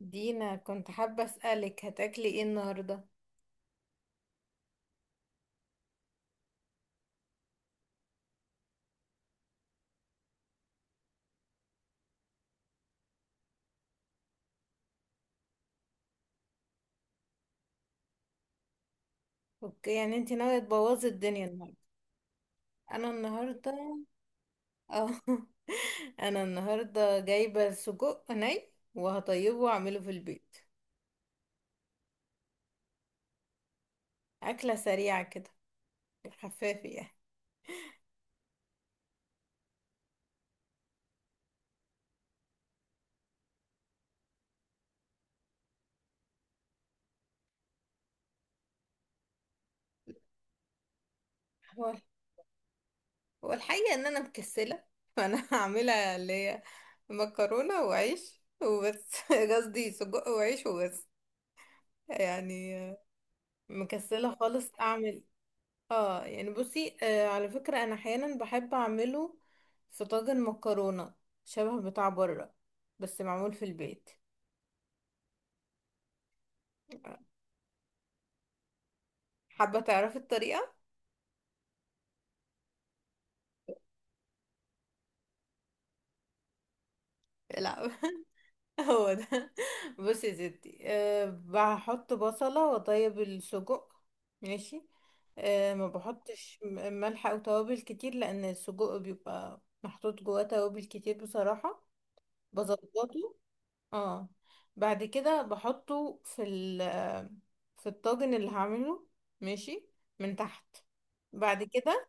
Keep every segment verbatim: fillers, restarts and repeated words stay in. دينا، كنت حابة أسألك هتاكلي ايه النهاردة؟ اوكي، يعني انتي ناوية تبوظي الدنيا النهاردة؟ انا النهاردة اه. انا النهاردة جايبة سجق ني وهطيبه واعمله في البيت. أكلة سريعة كده، خفافة يعني. هو، هو الحقيقة ان انا مكسلة. فانا هعملها، اللي هي مكرونة وعيش وبس. قصدي سجق وعيش وبس، يعني. مكسلة خالص اعمل. اه، يعني بصي، آه على فكرة انا احيانا بحب اعمله في طاجن مكرونة، شبه بتاع بره، بس معمول في البيت. حابة تعرفي الطريقة؟ لا. هو ده. بصي يا ستي، أه بحط بصلة وطيب السجق. ماشي. أه، ما بحطش م- ملح أو توابل كتير، لأن السجق بيبقى محطوط جواه توابل كتير بصراحة. بظبطه. اه. بعد كده بحطه في ال في الطاجن اللي هعمله. ماشي. من تحت. بعد كده،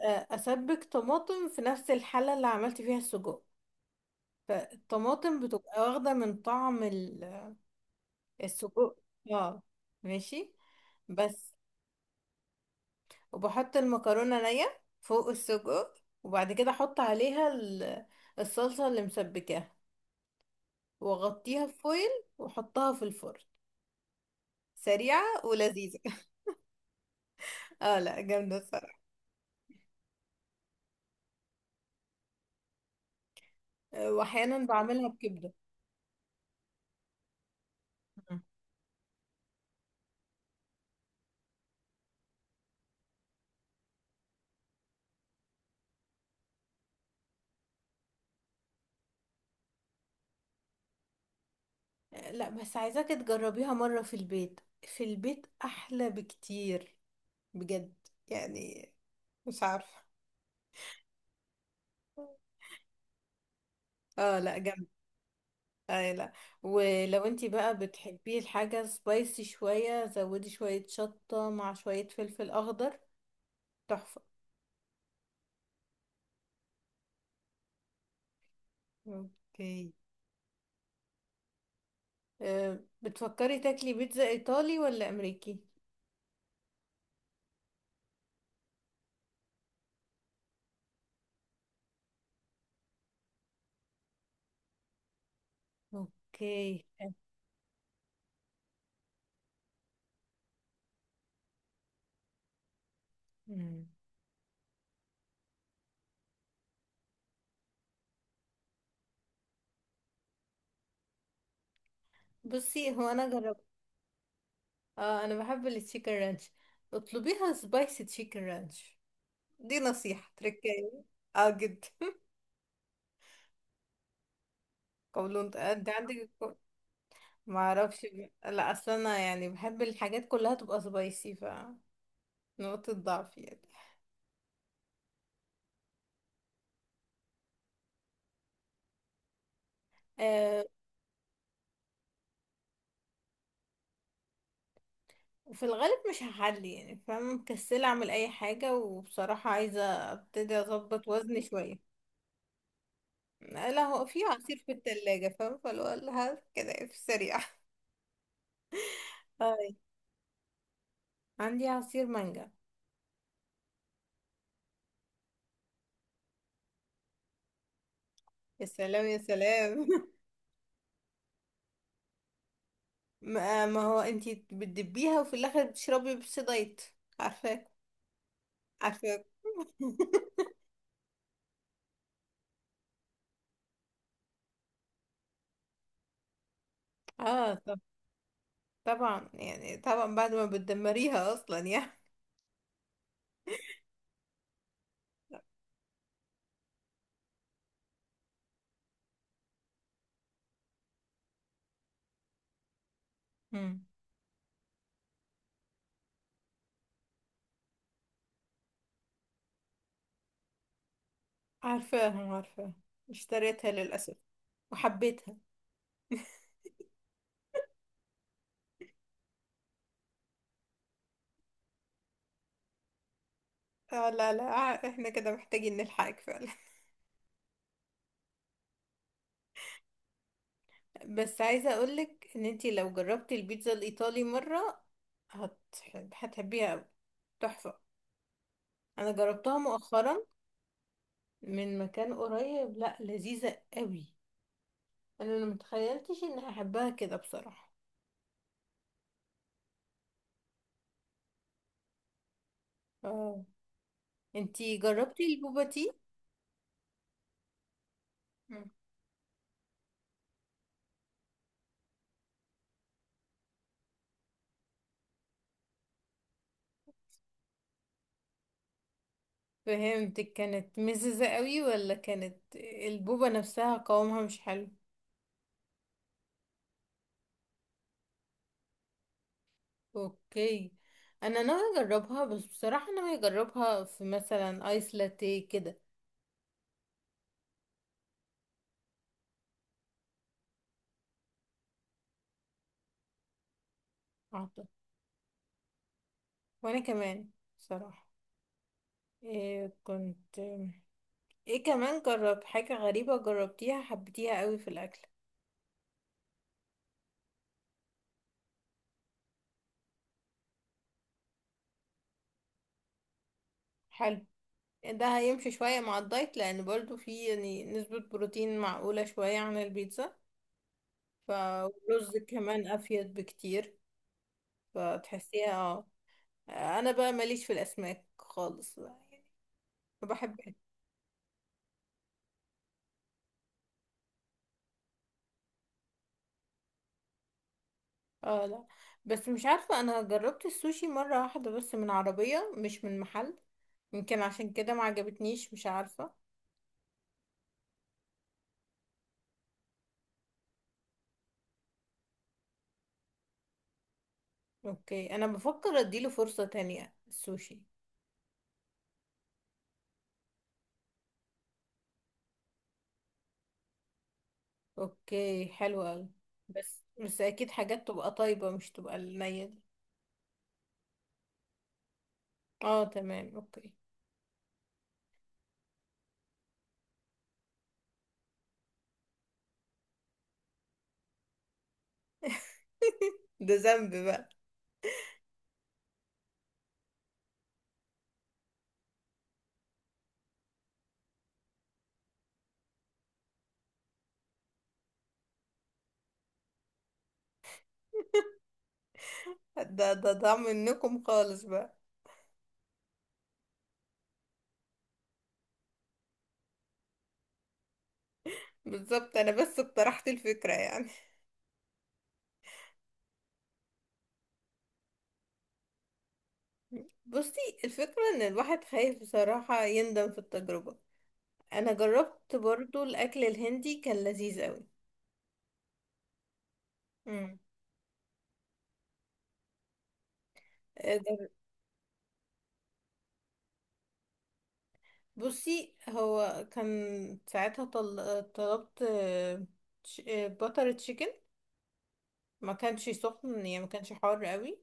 آه، اسبك طماطم في نفس الحلة اللي عملت فيها السجق. فالطماطم بتبقى واخدة من طعم ال- السجق. اه. ماشي. بس. وبحط المكرونة نية فوق السجق، وبعد كده احط عليها ال- الصلصة اللي مسبكاها، واغطيها بفويل، واحطها في الفرن. سريعة ولذيذة. اه، لا، جامدة الصراحة. آه، واحيانا بعملها بكبدة. مم. آه، لا، بس عايزاكي تجربيها مرة في البيت. في البيت احلى بكتير، بجد. يعني مش عارفة. اه لا، جامد. اه، لا، ولو انتي بقى بتحبي الحاجة سبايسي شوية، زودي شوية شطة مع شوية فلفل اخضر. تحفة. اوكي. آه، بتفكري تاكلي بيتزا ايطالي ولا امريكي؟ اوكي. أه. مم. بصي، هو انا جربت. اه، انا بحب التشيكن رانش. اطلبيها سبايسي تشيكن رانش، دي نصيحة تركية. اه، جدا. قولون؟ انت عندك الكو-. ما اعرفش بقى. لا، اصل انا يعني بحب الحاجات كلها تبقى سبايسي، ف. نقطة ضعف يعني. آه. وفي الغالب مش هحلي، يعني فاهمة، مكسلة اعمل اي حاجة. وبصراحة عايزة ابتدي اظبط وزني شوية. لا، هو في عصير في التلاجة، فاهمة، فلو قال كده في السريع. آه. عندي عصير مانجا. يا سلام، يا سلام. ما, ما هو انتي بتدبيها وفي الاخر بتشربي بيبسي دايت. عارفاك، عارفاك. اه، طب. طبعا يعني، طبعا بعد ما بتدمريها اصلا يعني. مم. عارفاهم، عارفاهم. اشتريتها للاسف، وحبيتها. اه، لا لا. آه، احنا كده محتاجين نلحقك فعلا. بس عايزه اقولك ان انتي لو جربتي البيتزا الايطالي مره هت... هتحبيها أوي. تحفه. انا جربتها مؤخرا من مكان قريب. لا، لذيذه قوي. انا أنا متخيلتش اني هحبها كده بصراحة. اه، انتي جربتي البوبا تي؟ مم. فهمتك، كانت مززة قوي ولا كانت البوبا نفسها قوامها مش حلو؟ اوكي. انا ناوية اجربها، بس بصراحة ناوية اجربها في مثلا ايس لاتيه كده. اعتقد. وانا كمان، بصراحة. إيه كنت ايه كمان، جرب حاجة غريبة جربتيها حبيتيها قوي في الاكل؟ حلو. ده هيمشي شوية مع الدايت، لأن برضو فيه يعني نسبة بروتين معقولة شوية عن البيتزا. فالرز كمان أفيد بكتير. فتحسيها. اه، أنا بقى ماليش في الأسماك خالص بقى يعني، ما بحبها. اه لا، بس مش عارفة، أنا جربت السوشي مرة واحدة بس من عربية مش من محل. يمكن عشان كده ما عجبتنيش، مش عارفة. اوكي، أنا بفكر أديله فرصة تانية، السوشي. اوكي، حلو أوي. بس بس اكيد حاجات تبقى طيبة، مش تبقى النية دي. اه، تمام، اوكي. ده ذنب بقى. ده ده ده منكم خالص بقى. بالظبط، انا بس اقترحت الفكرة يعني. بصي، الفكرة ان الواحد خايف بصراحة يندم في التجربة. انا جربت برضو الاكل الهندي، كان لذيذ قوي. امم آه، جر- بصي، هو كان ساعتها طل... آه، طلبت باتر تشيكن. ما كانش سخن يعني، ما كانش حار قوي.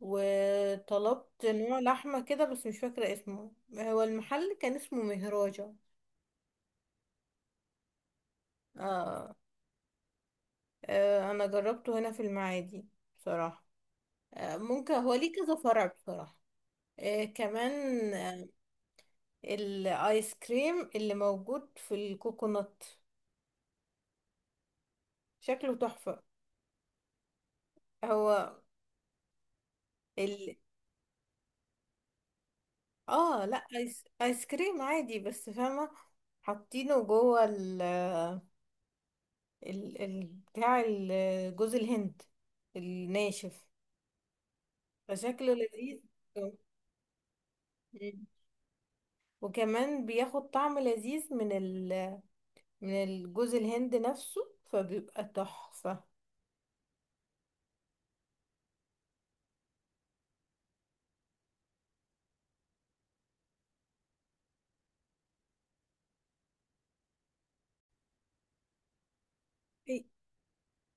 وطلبت نوع لحمة كده، بس مش فاكرة اسمه. هو المحل كان اسمه مهراجة. آه. آه، أنا جربته هنا في المعادي بصراحة. آه، ممكن هو ليه كذا فرع بصراحة. آه، كمان آه الآيس كريم اللي موجود في الكوكونات شكله تحفة. هو ال... اه، لا، آيس... آيس كريم عادي، بس فاهمة. حاطينه جوه ال... آه، ال... ال... بتاع ال- جوز الهند الناشف. فشكله لذيذ. آه. مم. وكمان بياخد طعم لذيذ من ال من الجوز الهند نفسه. فبيبقى تحفة.